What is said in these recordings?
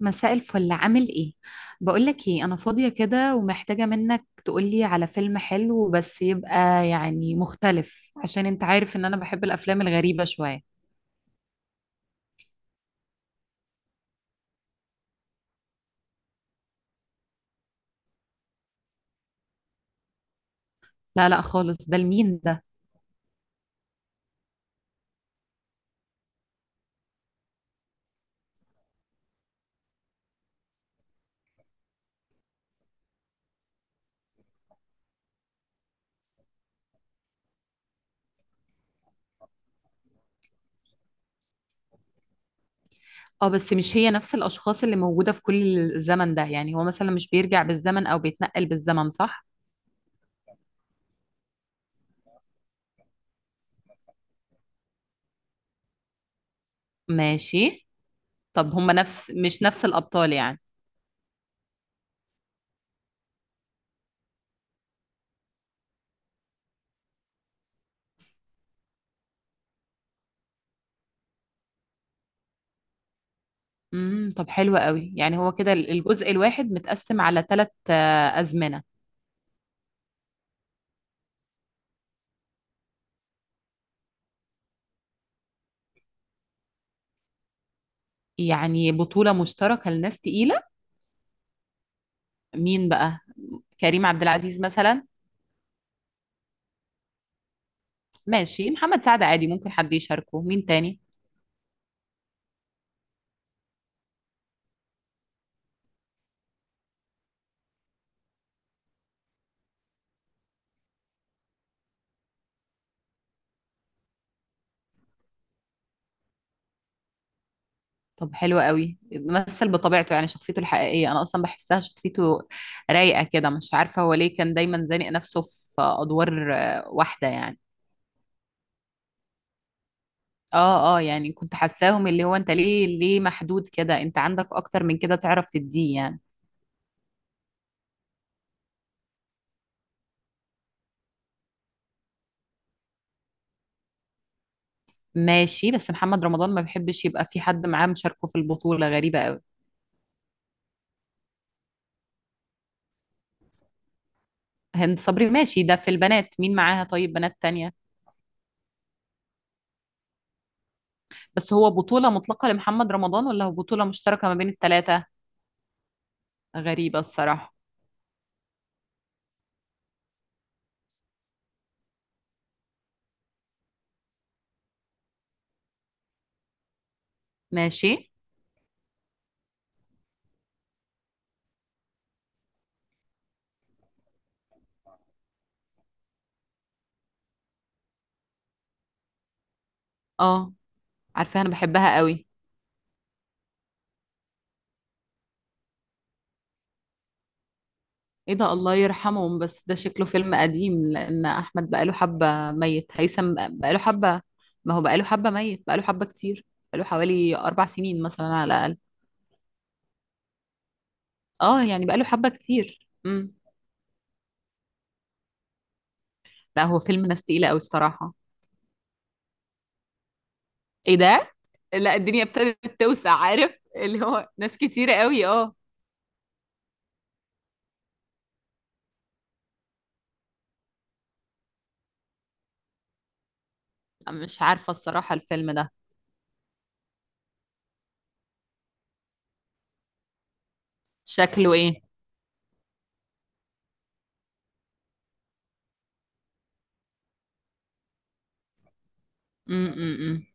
مساء الفل. عامل ايه؟ بقولك ايه، انا فاضية كده ومحتاجة منك تقولي على فيلم حلو، بس يبقى يعني مختلف عشان انت عارف ان انا بحب الافلام الغريبة شوية. لا لا خالص، ده المين ده؟ اه، بس مش هي نفس الاشخاص اللي موجودة في كل الزمن ده؟ يعني هو مثلا مش بيرجع بالزمن او بيتنقل بالزمن، صح؟ ماشي. طب هما مش نفس الابطال يعني؟ طب حلو قوي، يعني هو كده الجزء الواحد متقسم على ثلاث ازمنة؟ يعني بطولة مشتركة لناس تقيلة؟ مين بقى؟ كريم عبد العزيز مثلا؟ ماشي، محمد سعد عادي. ممكن حد يشاركه؟ مين تاني؟ طب حلو قوي، مثل بطبيعته، يعني شخصيته الحقيقية أنا أصلا بحسها شخصيته رايقة كده. مش عارفة هو ليه كان دايما زانق نفسه في أدوار واحدة يعني. اه اه، يعني كنت حاساهم اللي هو انت ليه محدود كده، انت عندك اكتر من كده تعرف تديه يعني. ماشي، بس محمد رمضان ما بيحبش يبقى في حد معاه مشاركه في البطولة. غريبة قوي. هند صبري، ماشي. ده في البنات مين معاها؟ طيب بنات تانية؟ بس هو بطولة مطلقة لمحمد رمضان ولا هو بطولة مشتركة ما بين التلاتة؟ غريبة الصراحة. ماشي. اه، عارفاها، انا بحبها قوي. ايه ده، الله يرحمهم. بس ده شكله فيلم قديم، لان احمد بقاله حبة ميت، هيثم بقاله حبة. ما هو بقاله حبة ميت، بقاله حبة كتير. بقاله حوالي 4 سنين مثلا على الاقل. اه، يعني بقاله حبة كتير. لا، هو فيلم ناس تقيلة قوي الصراحة. ايه ده؟ لا، الدنيا ابتدت توسع، عارف اللي هو ناس كتيرة قوي، اه. مش عارفة الصراحة الفيلم ده شكله ايه. امم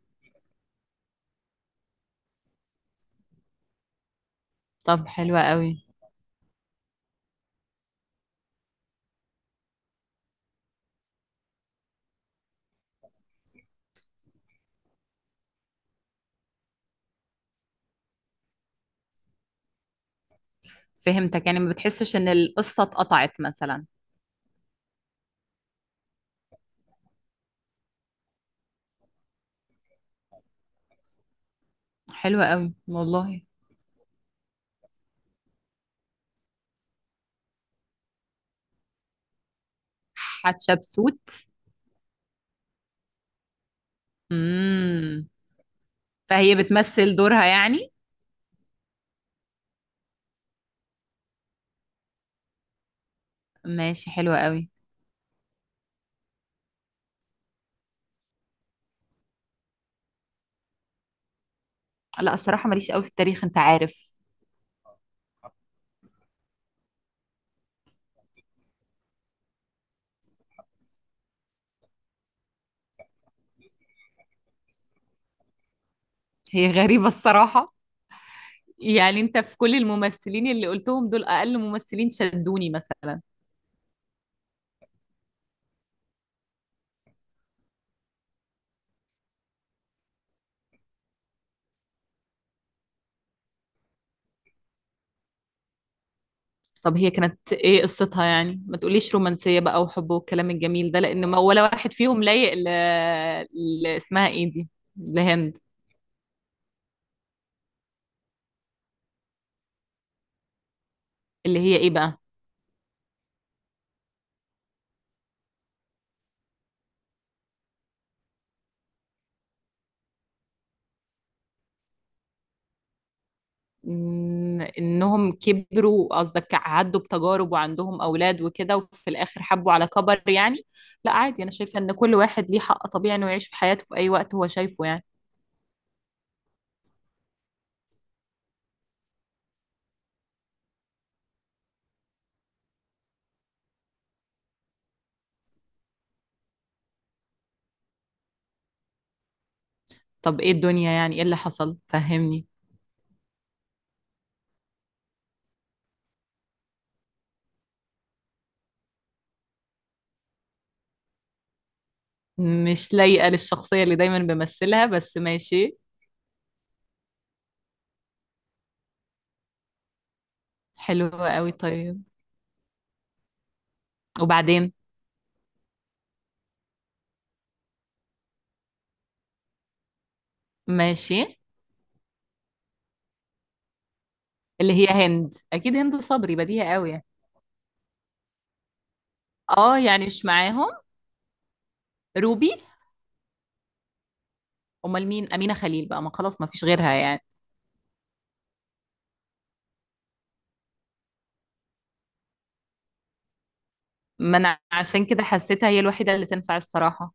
طب حلوة قوي. فهمتك. يعني ما بتحسش ان القصة اتقطعت مثلا؟ حلوة قوي والله. حتشبسوت. امم فهي بتمثل دورها يعني. ماشي، حلوة قوي. لا الصراحة ماليش قوي في التاريخ، انت عارف. هي غريبة الصراحة. يعني انت في كل الممثلين اللي قلتهم دول، اقل ممثلين شدوني مثلا. طب هي كانت ايه قصتها؟ يعني ما تقوليش رومانسية بقى وحب والكلام الجميل ده، لان ما ولا واحد فيهم لايق اسمها ايه دي، لهند. اللي هي ايه بقى؟ انهم كبروا قصدك؟ عدوا بتجارب وعندهم اولاد وكده وفي الاخر حبوا على كبر يعني؟ لا عادي، انا شايفة ان كل واحد ليه حق طبيعي انه يعيش في حياته في اي وقت هو شايفه يعني. طب ايه الدنيا؟ يعني ايه اللي حصل؟ فهمني. مش لايقة للشخصية اللي دايما بمثلها، بس ماشي. حلو قوي، طيب، وبعدين؟ ماشي. اللي هي هند، اكيد هند صبري بديهة قوي يعني. اه يعني مش معاهم؟ روبي؟ امال مين؟ امينة خليل بقى؟ ما خلاص ما فيش غيرها يعني. ما انا عشان كده حسيتها هي الوحيدة اللي تنفع الصراحة.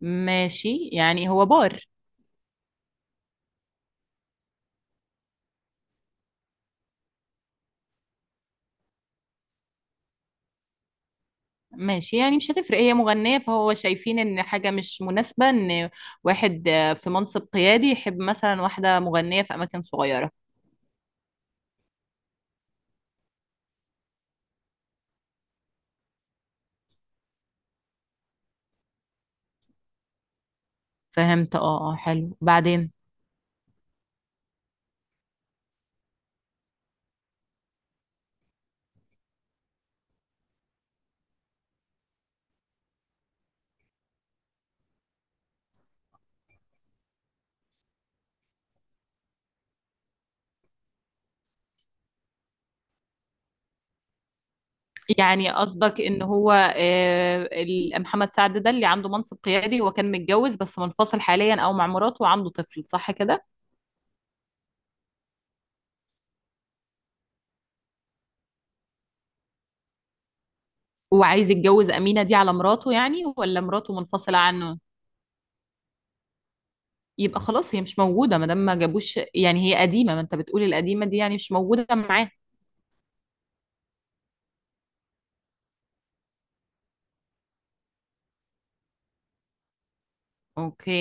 ماشي، يعني هو بار. ماشي، يعني مش هتفرق هي مغنية، فهو شايفين ان حاجة مش مناسبة ان واحد في منصب قيادي يحب مثلا واحدة مغنية في اماكن صغيرة. فهمت، اه اه، حلو، بعدين؟ يعني قصدك ان هو محمد سعد ده اللي عنده منصب قيادي، هو كان متجوز بس منفصل حاليا او مع مراته وعنده طفل، صح كده؟ وعايز يتجوز أمينة دي على مراته يعني؟ ولا مراته منفصلة عنه؟ يبقى خلاص، هي مش موجودة ما دام ما جابوش يعني، هي قديمة. ما انت بتقول القديمة دي يعني مش موجودة معاه. اوكي.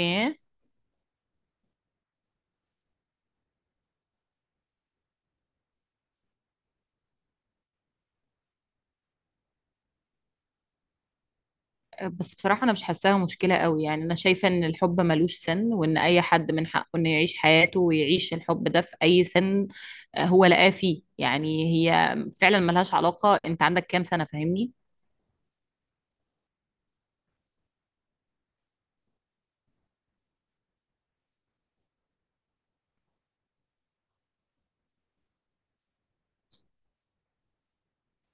بس بصراحة أنا مش حاساها مشكلة قوي. يعني أنا شايفة إن الحب ملوش سن، وإن أي حد من حقه إنه يعيش حياته ويعيش الحب ده في أي سن. هو لقاه فيه يعني. هي فعلا ملهاش علاقة أنت عندك كام سنة، فاهمني.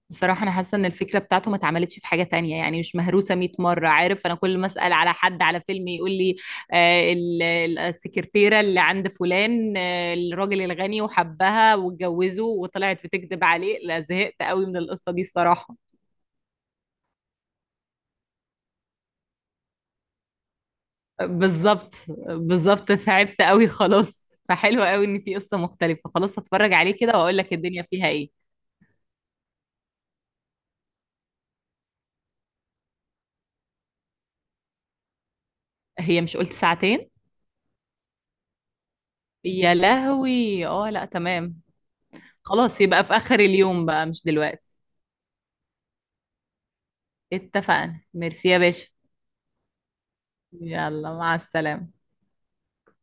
بصراحة أنا حاسة إن الفكرة بتاعته ما اتعملتش في حاجة تانية، يعني مش مهروسة 100 مرة. عارف أنا كل ما أسأل على حد على فيلم يقول لي السكرتيرة اللي عند فلان، الراجل الغني، وحبها واتجوزه وطلعت بتكذب عليه. لا، زهقت قوي من القصة دي الصراحة. بالظبط. بالظبط، تعبت قوي خلاص. فحلو قوي ان في قصة مختلفة. خلاص هتفرج عليه كده واقول لك الدنيا فيها ايه. هي مش قلت ساعتين؟ يا لهوي، اه، لا تمام. خلاص، يبقى في اخر اليوم بقى مش دلوقتي. اتفقنا، ميرسي يا باشا. يلا، مع السلامة.